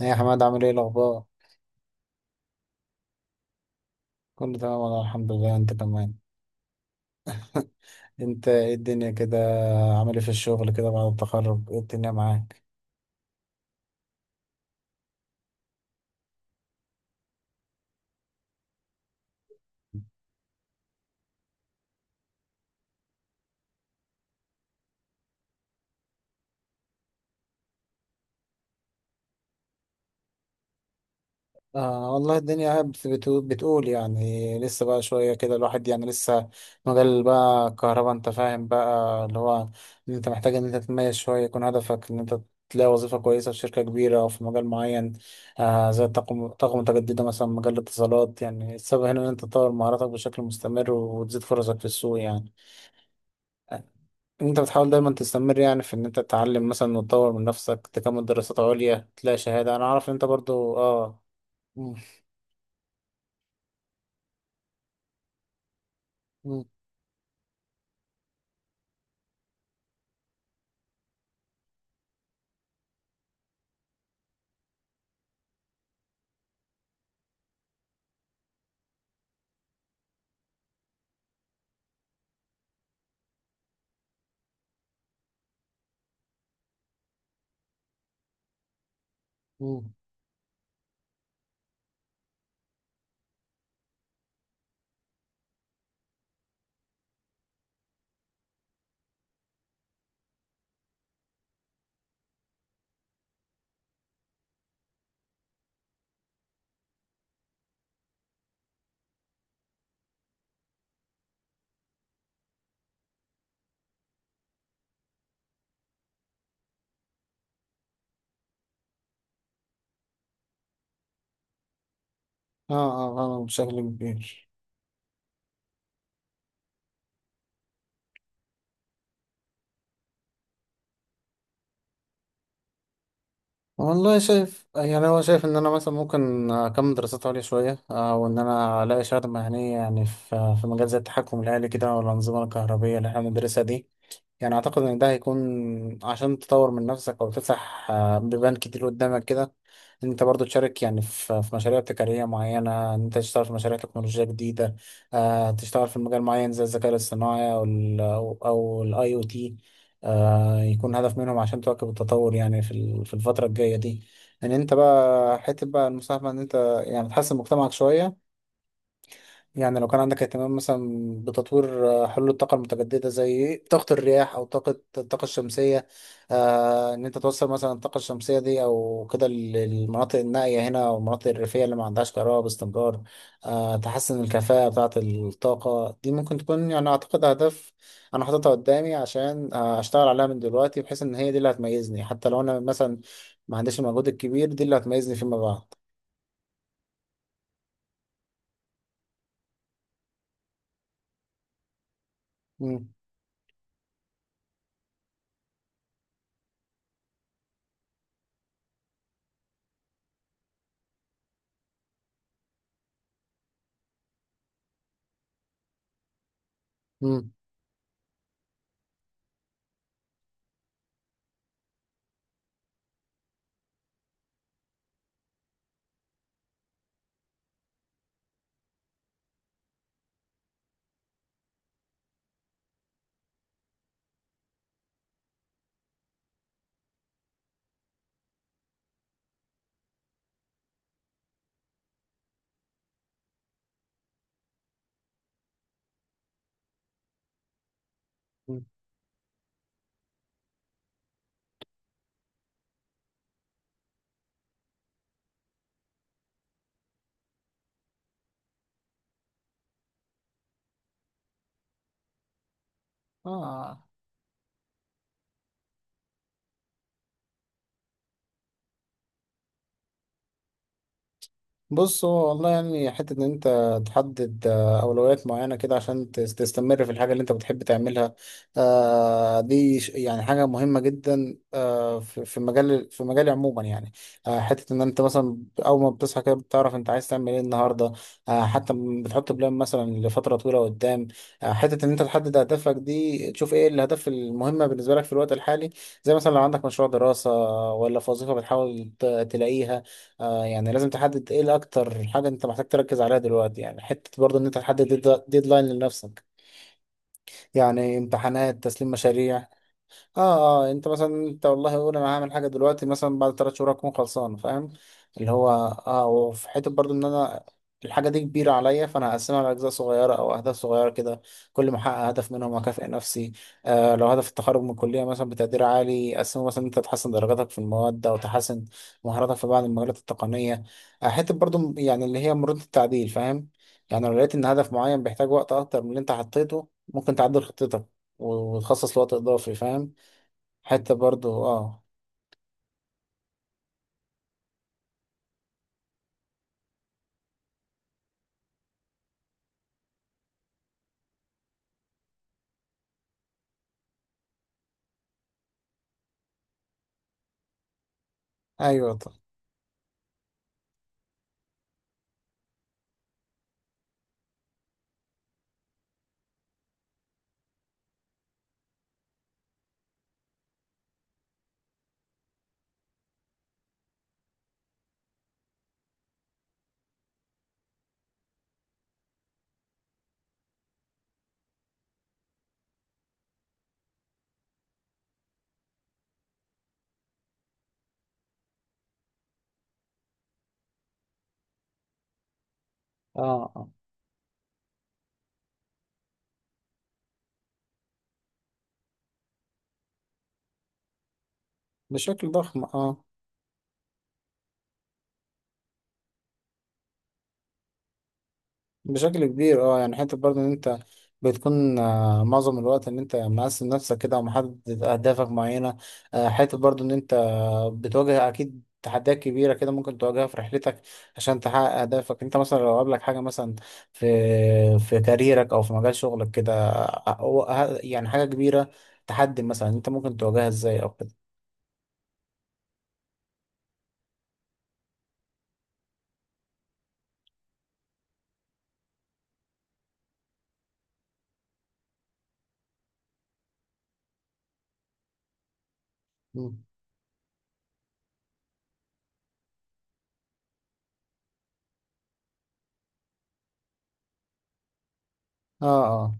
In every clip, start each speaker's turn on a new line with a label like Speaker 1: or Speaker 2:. Speaker 1: ايه يا حماد؟ عامل ايه الاخبار؟ كله تمام والله، الحمد لله. انت كمان؟ انت ايه الدنيا كده؟ عامل ايه في الشغل كده بعد التخرج؟ ايه الدنيا معاك؟ آه والله الدنيا قاعد بتقول يعني لسه بقى شوية كده، الواحد يعني لسه مجال بقى الكهرباء، انت فاهم بقى؟ اللي هو ان انت محتاج ان انت تتميز شوية، يكون هدفك ان انت تلاقي وظيفة كويسة في شركة كبيرة أو في مجال معين. آه زي الطاقة، الطاقة المتجددة مثلا، مجال الاتصالات. يعني السبب هنا إن أنت تطور مهاراتك بشكل مستمر وتزيد فرصك في السوق يعني. انت بتحاول دايما تستمر يعني في ان انت تتعلم مثلا وتطور من نفسك، تكمل دراسات عليا، تلاقي شهادة. انا عارف ان انت برضو اه. مم. مم. مم. اه اه اه بشكل كبير. والله شايف يعني، هو شايف ان انا مثلا ممكن اكمل دراسات عليا شوية، وان انا الاقي شهادة مهنية يعني في مجال زي التحكم الآلي كده او الأنظمة الكهربية اللي احنا بندرسها دي. يعني اعتقد ان ده هيكون عشان تطور من نفسك او تفتح بيبان كتير قدامك كده. ان انت برضو تشارك يعني في مشاريع ابتكاريه معينه، ان انت تشتغل في مشاريع تكنولوجيا جديده، آه تشتغل في مجال معين زي الذكاء الاصطناعي او ال او الاي او تي. آه يكون هدف منهم عشان تواكب التطور يعني في الفتره الجايه دي. ان انت بقى حته بقى المساهمه ان انت يعني تحسن مجتمعك شويه. يعني لو كان عندك اهتمام مثلا بتطوير حلول الطاقة المتجددة زي طاقة الرياح أو الطاقة الشمسية، آه إن أنت توصل مثلا الطاقة الشمسية دي أو كده للمناطق النائية هنا أو المناطق الريفية اللي ما عندهاش كهرباء باستمرار، آه تحسن الكفاءة بتاعة الطاقة دي. ممكن تكون يعني أعتقد أهداف أنا حاططها قدامي عشان أشتغل عليها من دلوقتي، بحيث إن هي دي اللي هتميزني حتى لو أنا مثلا ما عنديش المجهود الكبير دي اللي هتميزني فيما بعد. مم. مم. مم. آه بص، هو والله يعني حتة إن أنت تحدد أولويات معينة كده عشان تستمر في الحاجة اللي أنت بتحب تعملها، دي يعني حاجة مهمة جدا في في مجال في مجالي عموما يعني. حتة إن أنت مثلا أول ما بتصحى كده بتعرف أنت عايز تعمل إيه النهاردة، حتى بتحط بلان مثلا لفترة طويلة قدام، حتة إن أنت تحدد أهدافك دي، تشوف إيه الأهداف المهمة بالنسبة لك في الوقت الحالي. زي مثلا لو عندك مشروع دراسة ولا في وظيفة بتحاول تلاقيها. آه يعني لازم تحدد ايه الاكتر حاجة انت محتاج تركز عليها دلوقتي، يعني حتة برضه ان انت تحدد ديدلاين لنفسك، يعني امتحانات، تسليم مشاريع. اه اه انت مثلا، انت والله قول انا هعمل حاجه دلوقتي مثلا بعد ثلاث شهور اكون خلصان، فاهم؟ اللي هو اه. وفي حته برضو ان انا الحاجه دي كبيره عليا، فانا هقسمها على اجزاء صغيره او اهداف صغيره كده، كل ما احقق هدف منهم اكافئ نفسي. آه لو هدف التخرج من الكليه مثلا بتقدير عالي، اقسمه مثلا انت تحسن درجاتك في المواد او تحسن مهاراتك في بعض المجالات التقنيه. آه حته برضو يعني اللي هي مرونه التعديل، فاهم؟ يعني لو لقيت ان هدف معين بيحتاج وقت اكتر من اللي انت حطيته، ممكن تعدل خطتك وتخصص لوقت اضافي، فاهم؟ حتة برضو اه. ايوه طب. اه اه بشكل ضخم اه. بشكل كبير اه. يعني حتة برضو ان انت بتكون آه معظم الوقت ان انت مقسم نفسك كده ومحدد اهدافك معينة. آه حتة برضو ان انت بتواجه اكيد تحديات كبيرة كده ممكن تواجهها في رحلتك عشان تحقق أهدافك. أنت مثلا لو قابلك حاجة مثلا في في كاريرك أو في مجال شغلك كده، يعني حاجة كبيرة، تحدي مثلا، أنت ممكن تواجهها إزاي أو كده؟ مم. اه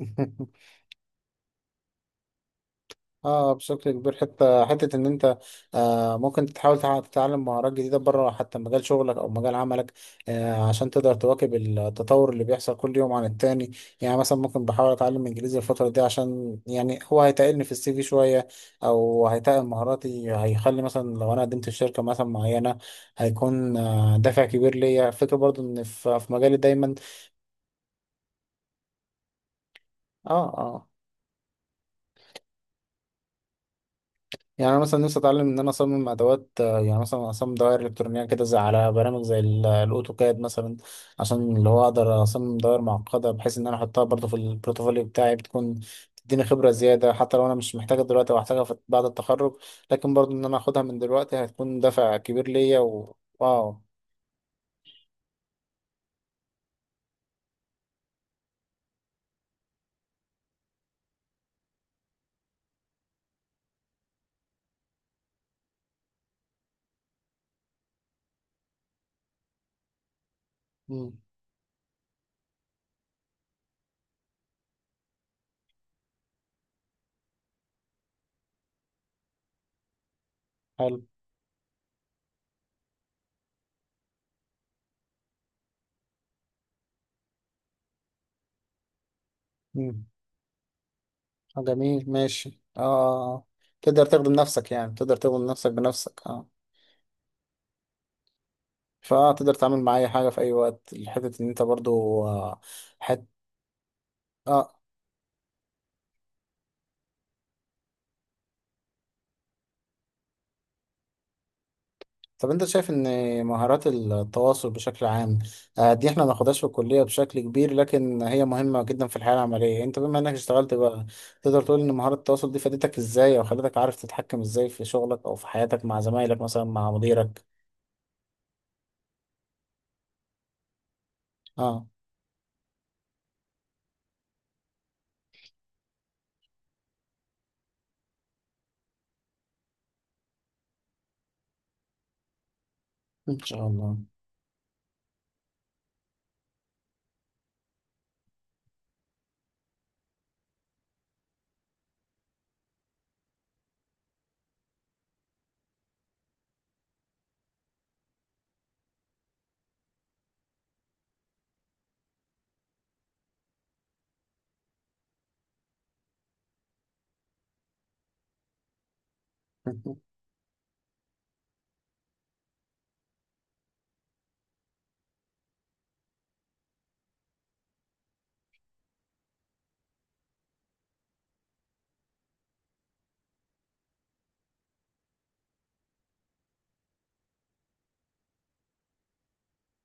Speaker 1: اه اه بشكل كبير. حتى حته ان انت آه ممكن تحاول تتعلم مهارات جديده بره حتى مجال شغلك او مجال عملك، آه عشان تقدر تواكب التطور اللي بيحصل كل يوم عن التاني. يعني مثلا ممكن بحاول اتعلم انجليزي الفتره دي عشان يعني هو هيتقلني في السي في شويه او هيتقل مهاراتي، هيخلي مثلا لو انا قدمت في شركه مثلا معينه هيكون آه دافع كبير ليا. فكره برضو ان في في مجالي دايما اه آه. يعني انا مثلا نفسي اتعلم ان انا اصمم ادوات، يعني مثلا اصمم دوائر الكترونيه كده، زي على برامج زي الاوتوكاد مثلا، عشان اللي هو اقدر اصمم دوائر معقده بحيث ان انا احطها برضه في البروتوفوليو بتاعي، بتكون تديني خبره زياده. حتى لو انا مش محتاجها دلوقتي وهحتاجها بعد التخرج، لكن برضه ان انا اخدها من دلوقتي هتكون دافع كبير ليا. و... واو. مم. حلو. مم. آه، جميل ماشي اه آه، آه. تقدر تخدم نفسك، يعني تقدر تخدم نفسك بنفسك اه. فتقدر تتعامل مع اي حاجه في اي وقت. حته ان انت برضو آه، حت... اه طب انت شايف ان مهارات التواصل بشكل عام، دي احنا ما ناخدهاش في الكليه بشكل كبير، لكن هي مهمه جدا في الحياه العمليه. انت بما انك اشتغلت بقى، تقدر تقول ان مهارات التواصل دي فادتك ازاي او خلتك عارف تتحكم ازاي في شغلك او في حياتك مع زمايلك مثلا، مع مديرك؟ اه ان شاء الله.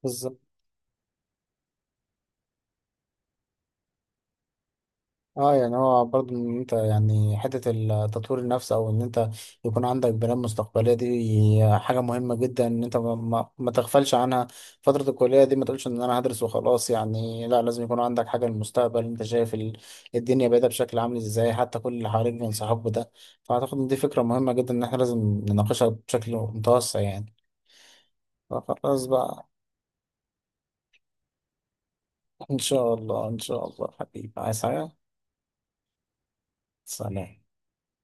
Speaker 1: بالظبط اه. يعني هو برضه ان انت يعني حتة التطوير النفس او ان انت يكون عندك بلان مستقبلية دي حاجة مهمة جدا ان انت ما تغفلش عنها. فترة الكلية دي ما تقولش ان انا هدرس وخلاص، يعني لا، لازم يكون عندك حاجة للمستقبل. انت شايف الدنيا بعيدة بشكل عامل ازاي، حتى كل اللي حواليك بينصحوك بده. فاعتقد ان دي فكرة مهمة جدا ان احنا لازم نناقشها بشكل متوسع يعني. فخلاص بقى، ان شاء الله ان شاء الله حبيبي، عايز حاجة؟ سلام.